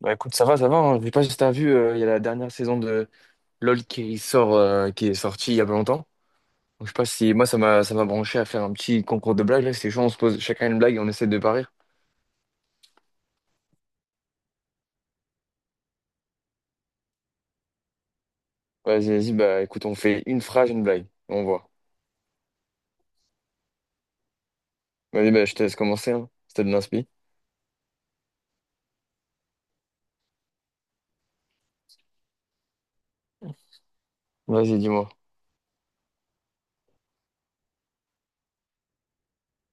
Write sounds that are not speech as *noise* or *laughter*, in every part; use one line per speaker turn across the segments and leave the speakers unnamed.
Bah écoute, ça va, ça va. Hein. Je sais pas si t'as vu, il y a la dernière saison de LoL qui sort, qui est sortie il y a pas longtemps. Donc, je sais pas si moi ça m'a branché à faire un petit concours de blagues là. C'est chaud, on se pose chacun une blague et on essaie de parier. Vas-y, vas-y. Bah écoute, on fait une phrase, une blague. On voit. Vas-y, bah je te laisse commencer. Hein. Je te l'inspi. Vas-y, dis-moi.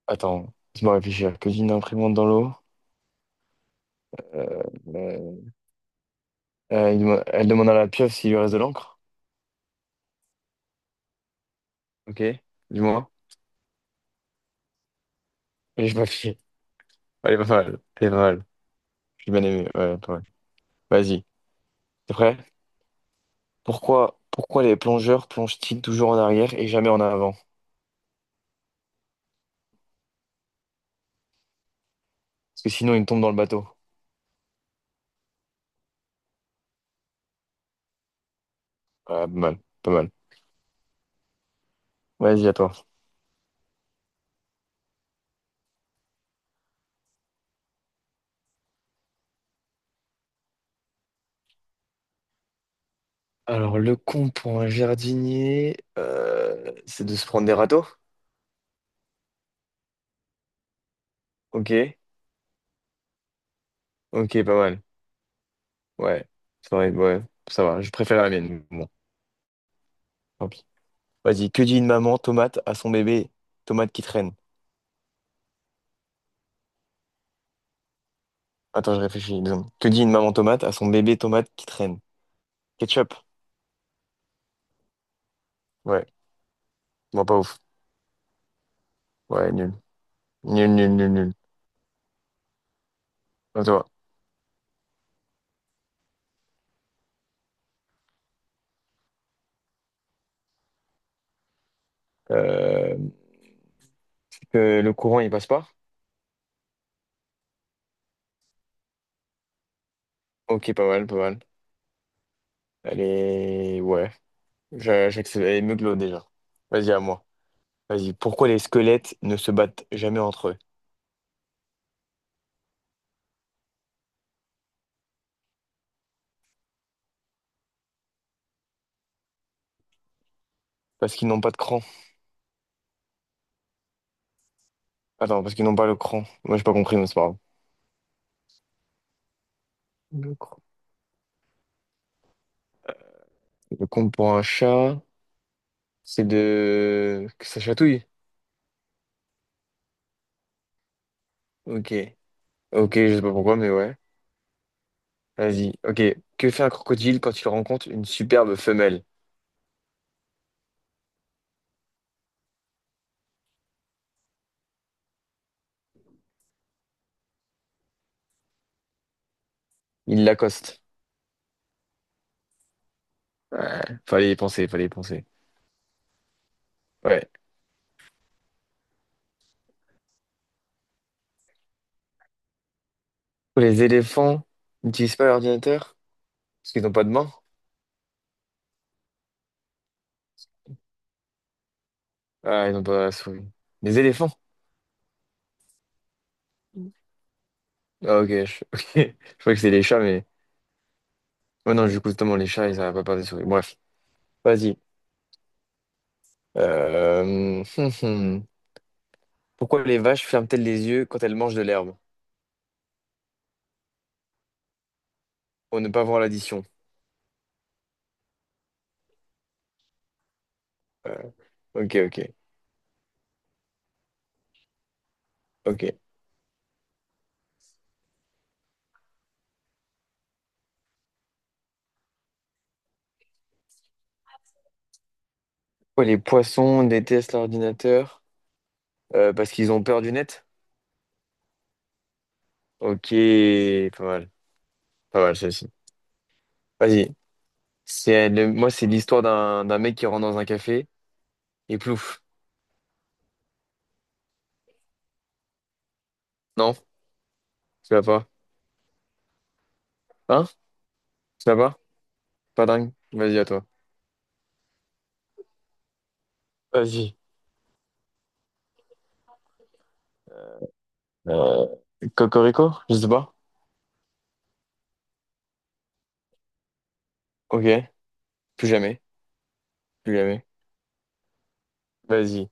Attends, laisse-moi réfléchir. Que dit une imprimante dans l'eau? Euh, euh, elle demande à la pieuvre s'il lui reste de l'encre. Ok. Dis-moi. Et je m'affiche. Elle est pas mal. Elle est pas mal. J'ai bien aimé. Ouais, pas mal. Vas-y. T'es prêt? Pourquoi, pourquoi les plongeurs plongent-ils toujours en arrière et jamais en avant? Parce que sinon, ils tombent dans le bateau. Ah, pas mal, pas mal. Vas-y, à toi. Alors, le con pour un jardinier, c'est de se prendre des râteaux? Ok, ok, pas mal. Ouais, ouais, ça va, je préfère la mienne. Bon, tant pis. Vas-y, que dit une maman tomate à son bébé tomate qui traîne? Attends, je réfléchis une seconde. Que dit une maman tomate à son bébé tomate qui traîne? Ketchup? Ouais, moi pas ouf. Ouais, nul. Nul, nul, nul, nul. À toi. Euh, Que le courant, il passe pas? Ok, pas mal, pas mal. Allez, ouais, j'accepte. Elle est mieux que l'autre, déjà. Vas-y, à moi. Vas-y, pourquoi les squelettes ne se battent jamais entre eux? Parce qu'ils n'ont pas de cran. Attends, parce qu'ils n'ont pas le cran. Moi, j'ai pas compris, mais c'est pas grave. Le cran. Le compte pour un chat, c'est de... Que ça chatouille? Ok. Ok, je sais pas pourquoi, mais ouais. Vas-y. Ok. Que fait un crocodile quand il rencontre une superbe femelle? Il l'accoste. Ouais. Fallait y penser, fallait y penser. Ouais. Les éléphants n'utilisent pas l'ordinateur parce qu'ils n'ont pas de main. Ah, ils n'ont pas la souris. Les éléphants? Ah, ok. Je, *laughs* ok. Je crois que c'est les chats, mais. Oh non, du coup, justement, les chats, ils n'arrivent pas à parler de souris. Bref, vas-y. *laughs* Hum. Pourquoi les vaches ferment-elles les yeux quand elles mangent de l'herbe? Pour ne pas voir l'addition. Euh, Ok, ok, ok. Pourquoi les poissons détestent l'ordinateur? Parce qu'ils ont peur du net? Ok, pas mal. Pas mal, celle-ci. Vas-y. Moi, c'est l'histoire d'un mec qui rentre dans un café. Et plouf. Non, tu l'as pas. Hein? Tu l'as pas? Pas dingue. Vas-y, à toi. Vas-y. Euh, Cocorico? Je sais pas. Ok. Plus jamais. Plus jamais. Vas-y.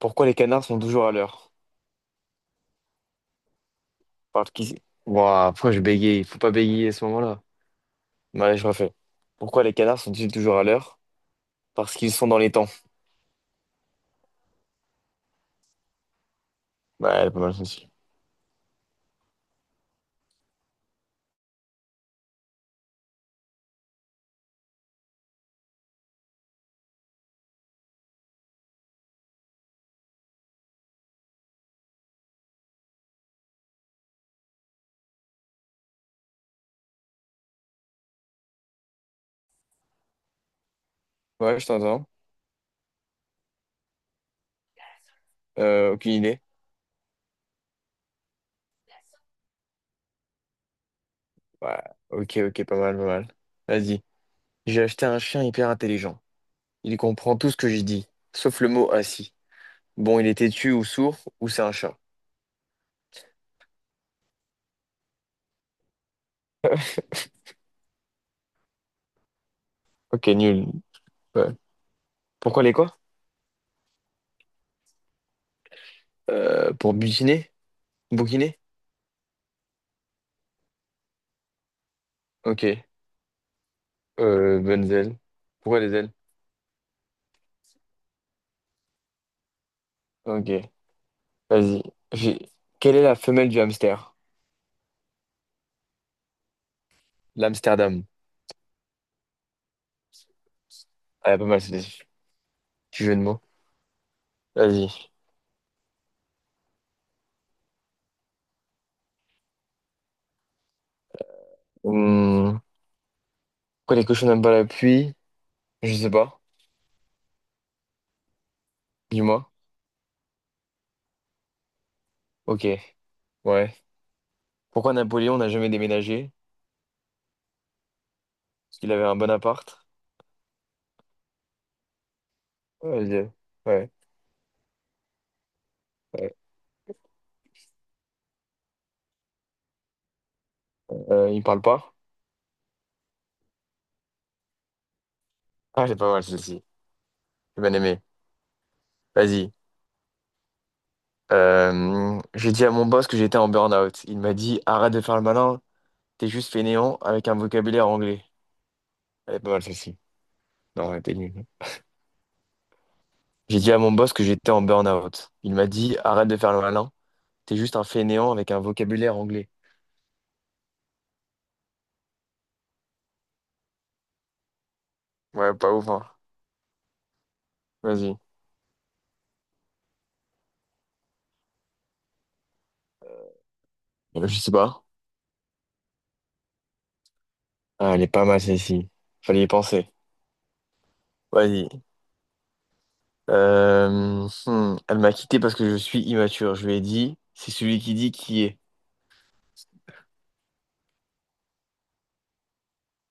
Pourquoi les canards sont toujours à l'heure? Parce qu'ils... Ouah, pourquoi je bégaye? Il faut pas bégayer à ce moment-là. Bah, allez, je refais. Pourquoi les canards sont-ils toujours à l'heure? Parce qu'ils sont dans les temps. Ouais, elle est pas mal celle-ci. Ouais, je t'entends. Aucune idée. Ouais. Ok, ok, pas mal, pas mal. Vas-y. J'ai acheté un chien hyper intelligent. Il comprend tout ce que j'ai dit, sauf le mot assis. Bon, il est têtu ou sourd, ou c'est un chat. Ok, nul. Ouais. Pourquoi les quoi? Pour butiner? Bouquiner? Ok. Bonnes ailes. Pourquoi les ailes? Ok, vas-y. J'ai- Quelle est la femelle du hamster? L'Amsterdam. Ah, pas mal, c'est des petits jeux de mots. Vas-y. Hmm. Pourquoi les cochons n'aiment pas la pluie? Je sais pas. Dis-moi. Ok, ouais. Pourquoi Napoléon n'a jamais déménagé? Parce qu'il avait un bon appart. Vas-y. Ouais. Ouais. Il parle pas? Ah, c'est pas mal, celle-ci. J'ai bien aimé. Vas-y. J'ai dit à mon boss que j'étais en burn-out. Il m'a dit, arrête de faire le malin, t'es juste fainéant avec un vocabulaire anglais. Elle est pas mal celle-ci. Non, elle était nulle. J'ai dit à mon boss que j'étais en burn-out. Il m'a dit, arrête de faire le malin, t'es juste un fainéant avec un vocabulaire anglais. Ouais, pas ouf, hein. Vas-y. Je sais pas. Ah, elle est pas mal celle-ci. Fallait y penser. Vas-y. Elle m'a quitté parce que je suis immature. Je lui ai dit, c'est celui qui dit qui est.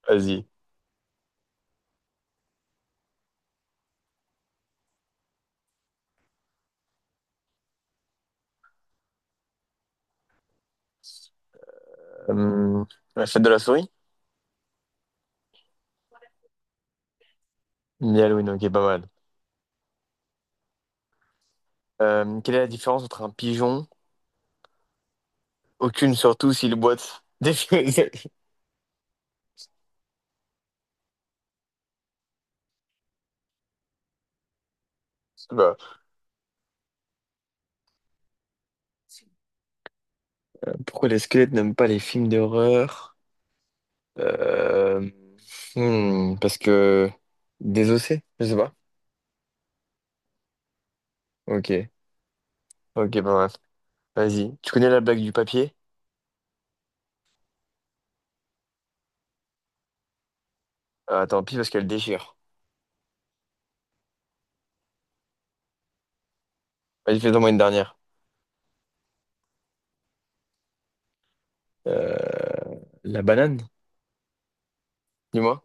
Vas-y. Euh, La fête de la souris? Halloween, ok, pas mal. Quelle est la différence entre un pigeon? Aucune, surtout s'il boite. *laughs* Je sais pas. Pourquoi les squelettes n'aiment pas les films d'horreur? Euh, hmm, parce que désossé, je sais pas. Ok, ok, pas mal. Vas-y. Tu connais la blague du papier? Ah, tant pis parce qu'elle déchire. Vas-y, fais-en moi une dernière. Euh, La banane, dis-moi.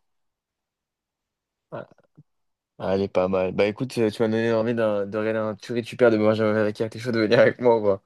Ah, elle est pas mal. Bah écoute, tu m'as donné envie de regarder un tuerie tu perds de Benjamin Villac. T'es chaud de venir avec moi ou pas?